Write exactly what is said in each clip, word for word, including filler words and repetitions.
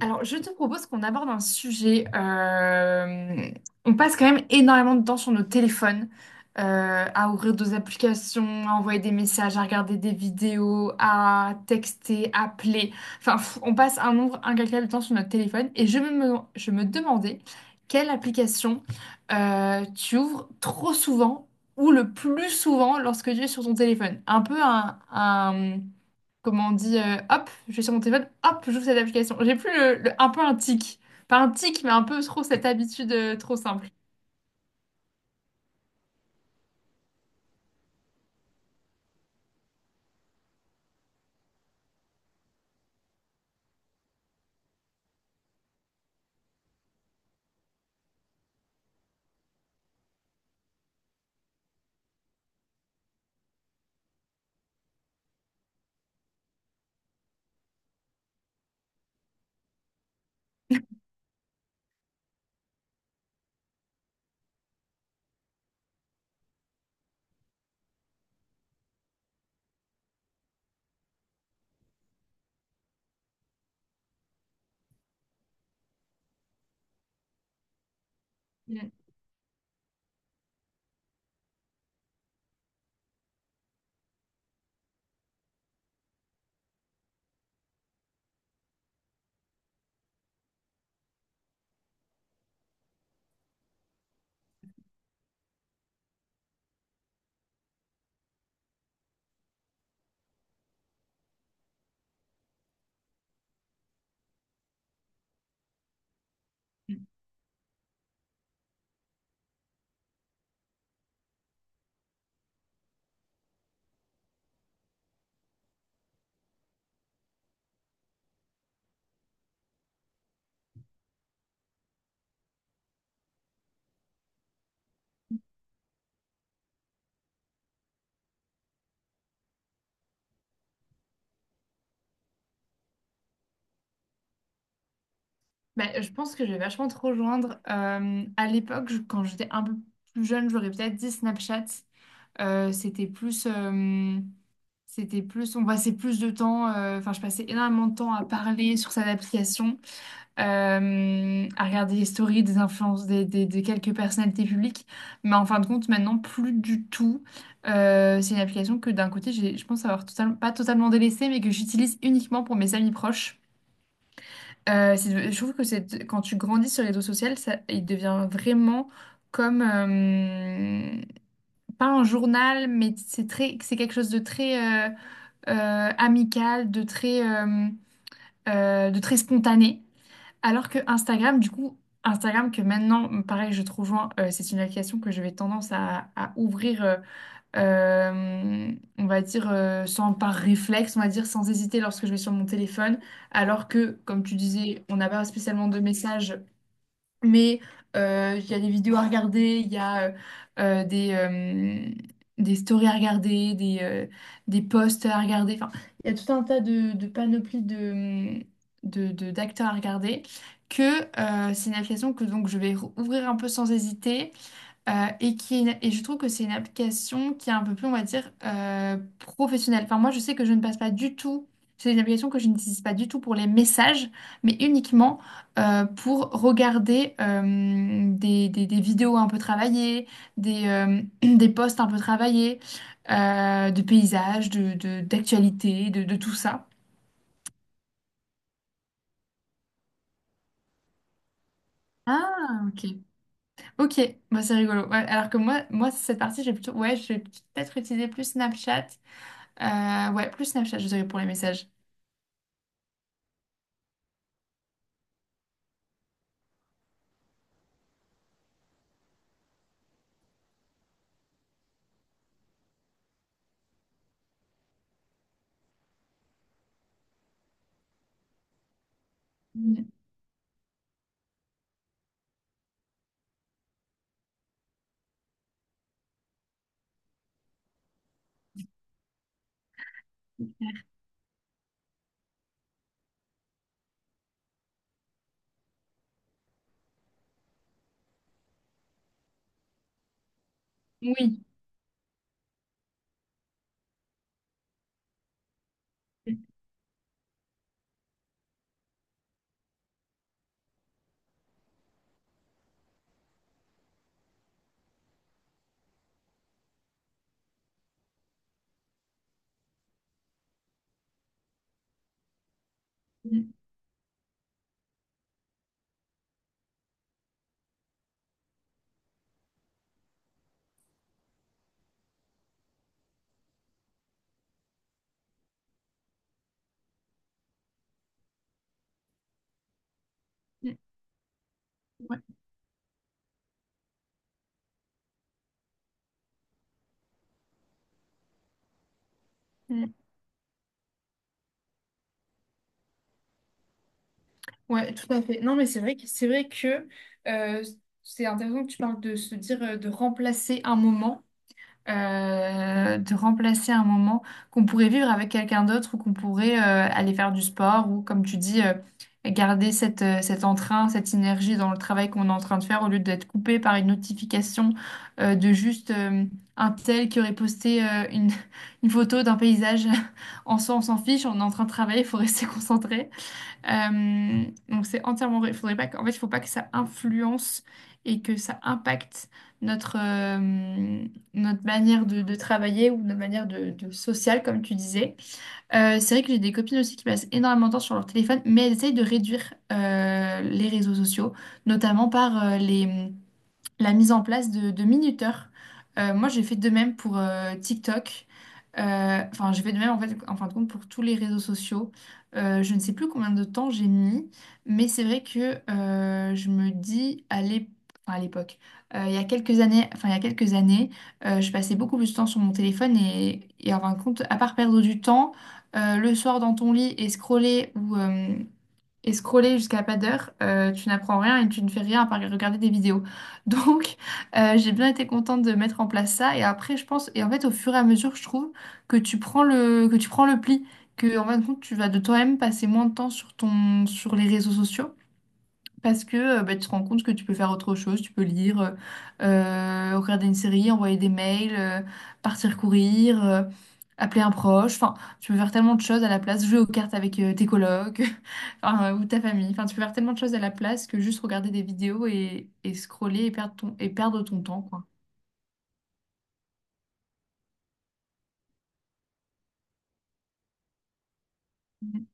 Alors, je te propose qu'on aborde un sujet. euh, on passe quand même énormément de temps sur nos téléphones, euh, à ouvrir des applications, à envoyer des messages, à regarder des vidéos, à texter, appeler. Enfin, pff, on passe un nombre incalculable de temps sur notre téléphone. Et je me, je me demandais quelle application euh, tu ouvres trop souvent ou le plus souvent lorsque tu es sur ton téléphone. Un peu un, comment on dit, euh, hop, je suis sur mon téléphone, hop, j'ouvre cette application. J'ai plus le, le- un peu un tic. Pas un tic, mais un peu trop cette habitude, euh, trop simple. Mm. Ben, je pense que je vais vachement te rejoindre. Euh, à l'époque, je- quand j'étais un peu plus jeune, j'aurais peut-être dit Snapchat. Euh, c'était plus, euh, c'était plus, on passait plus de temps. euh, Enfin, je passais énormément de temps à parler sur cette application. euh, à regarder les stories des influences des, des- des quelques personnalités publiques. Mais en fin de compte, maintenant, plus du tout. Euh, c'est une application que d'un côté, j'ai, je pense avoir totalement, pas totalement délaissée, mais que j'utilise uniquement pour mes amis proches. Euh, c'est- je trouve que c'est, quand tu grandis sur les réseaux sociaux, ça, il devient vraiment comme, euh, pas un journal, mais c'est très, c'est quelque chose de très euh, euh, amical, de très, euh, euh, de très spontané. Alors que Instagram, du coup, Instagram que maintenant, pareil, je te rejoins, euh, c'est une application que je vais tendance à, à ouvrir, euh, euh, on va dire, euh, sans par réflexe, on va dire, sans hésiter lorsque je vais sur mon téléphone. Alors que, comme tu disais, on n'a pas spécialement de messages, mais euh, il y a des vidéos à regarder, il y a euh, euh, des, euh, des stories à regarder, des, euh, des posts à regarder. Enfin, il y a tout un tas de, de panoplies de, mm, de, de- d'acteurs à regarder. Que euh, c'est une application que donc je vais ouvrir un peu sans hésiter, euh, et, qui est une- et je trouve que c'est une application qui est un peu plus, on va dire, euh, professionnelle. Enfin, moi, je sais que je ne passe pas du tout. C'est une application que je n'utilise pas du tout pour les messages, mais uniquement, euh, pour regarder euh, des, des- des vidéos un peu travaillées, des, euh, des posts un peu travaillés, euh, de paysages, de, de- d'actualités, de, de tout ça. Ah, ok. Ok, bah, c'est rigolo. Ouais, alors que moi, moi, cette partie, j'ai plutôt. Ouais, je vais peut-être utiliser plus Snapchat. Euh, ouais, plus Snapchat, je dirais pour les messages. Mm. Oui. Mm, mm, mm. Ouais, mm. Ouais, tout à fait. Non, mais c'est vrai que c'est vrai que euh, c'est intéressant que tu parles de se dire, euh, de remplacer un moment. euh, de remplacer un moment qu'on pourrait vivre avec quelqu'un d'autre ou qu'on pourrait euh, aller faire du sport ou, comme tu dis, euh, garder cette, euh, cet entrain, cette énergie dans le travail qu'on est en train de faire au lieu d'être coupé par une notification, euh, de juste, euh, un tel qui aurait posté euh, une, une photo d'un paysage. En soi, on s'en fiche, on est en train de travailler, il faut rester concentré. Euh, donc c'est entièrement vrai. Il faudrait pas que- en fait, il faut pas que ça influence et que ça impacte notre, euh, notre manière de, de travailler ou notre manière de, de sociale, comme tu disais. Euh, c'est vrai que j'ai des copines aussi qui passent énormément de temps sur leur téléphone, mais elles essayent de réduire, euh, les réseaux sociaux, notamment par euh, les, la mise en place de, de minuteurs. Euh, moi, j'ai fait de même pour euh, TikTok. Euh, Enfin, j'ai fait de même en fait, en fin de compte, pour tous les réseaux sociaux. Euh, je ne sais plus combien de temps j'ai mis, mais c'est vrai que euh, je me dis à l'ép- enfin, à l'époque, euh, il y a quelques années, enfin il y a quelques années, euh, je passais beaucoup plus de temps sur mon téléphone et, et en fin de compte, à part perdre du temps, euh, le soir dans ton lit et scroller ou euh, et scroller jusqu'à pas d'heure, euh, tu n'apprends rien et tu ne fais rien à part regarder des vidéos. Donc, euh, j'ai bien été contente de mettre en place ça. Et après, je pense, et en fait, au fur et à mesure, je trouve que tu prends le, que tu prends le pli, que en fin de compte, tu vas de toi-même passer moins de temps sur ton, sur les réseaux sociaux. Parce que, euh, bah, tu te rends compte que tu peux faire autre chose, tu peux lire, euh, euh, regarder une série, envoyer des mails, euh, partir courir, euh, appeler un proche. Enfin, tu peux faire tellement de choses à la place, jouer aux cartes avec, euh, tes colocs, enfin, euh, ou ta famille. Enfin, tu peux faire tellement de choses à la place que juste regarder des vidéos et, et scroller et perdre ton, et perdre ton temps, quoi. Mm.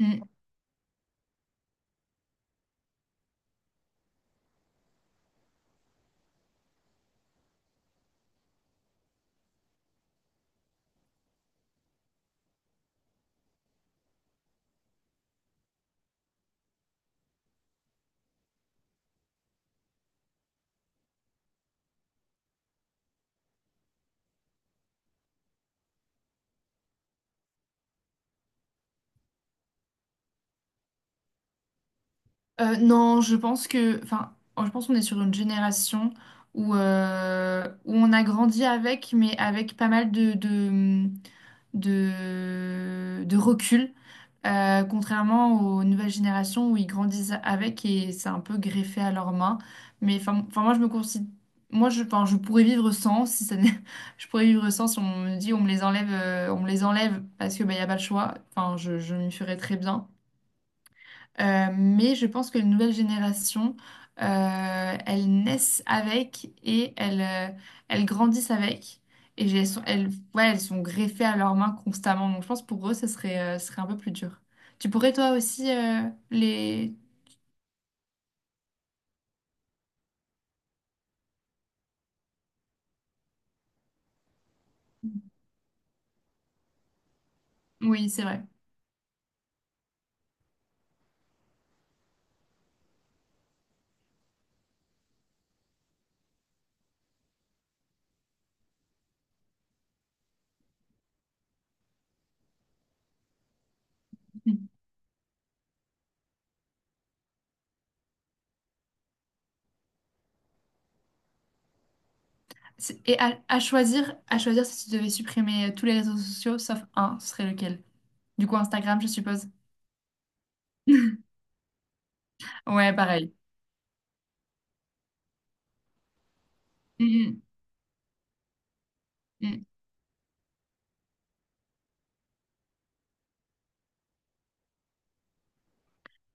Mm. Euh, non, je pense que, enfin, je pense qu'on est sur une génération où, euh, où on a grandi avec, mais avec pas mal de, de, de, de recul. Euh, contrairement aux nouvelles générations où ils grandissent avec et c'est un peu greffé à leurs mains. Mais enfin, enfin, moi, je me considère, moi, je, enfin, je pourrais vivre sans, si ça n'est- je pourrais vivre sans si on me dit on me les enlève, euh, on me les enlève parce que bah, y a pas le choix. Enfin, je, je m'y ferais très bien. Euh, mais je pense que les nouvelles générations, euh, elles naissent avec et elles, euh, elles grandissent avec. Et j'ai- elles sont, elles, ouais, elles sont greffées à leurs mains constamment. Donc je pense pour eux, ce serait, euh, ce serait un peu plus dur. Tu pourrais toi aussi euh, les? Oui, c'est vrai. Mm. C'est- Et, à, à choisir, à choisir si tu devais supprimer euh, tous les réseaux sociaux sauf un, ce serait lequel? Du coup, Instagram, je suppose. Ouais, pareil. Mhm.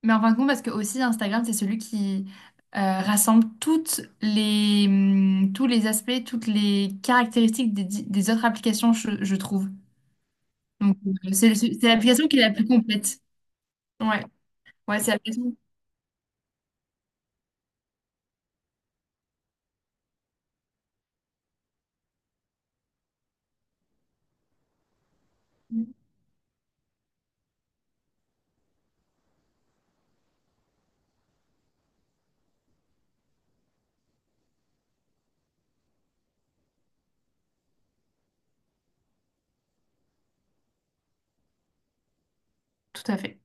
Mais en fin de compte, parce que aussi Instagram, c'est celui qui euh, rassemble toutes les, hum, tous les aspects, toutes les caractéristiques des, di- des autres applications, je, je trouve. Donc, euh, c'est c'est l'application qui est la plus complète. Ouais, ouais, c'est l'application. Tout à fait.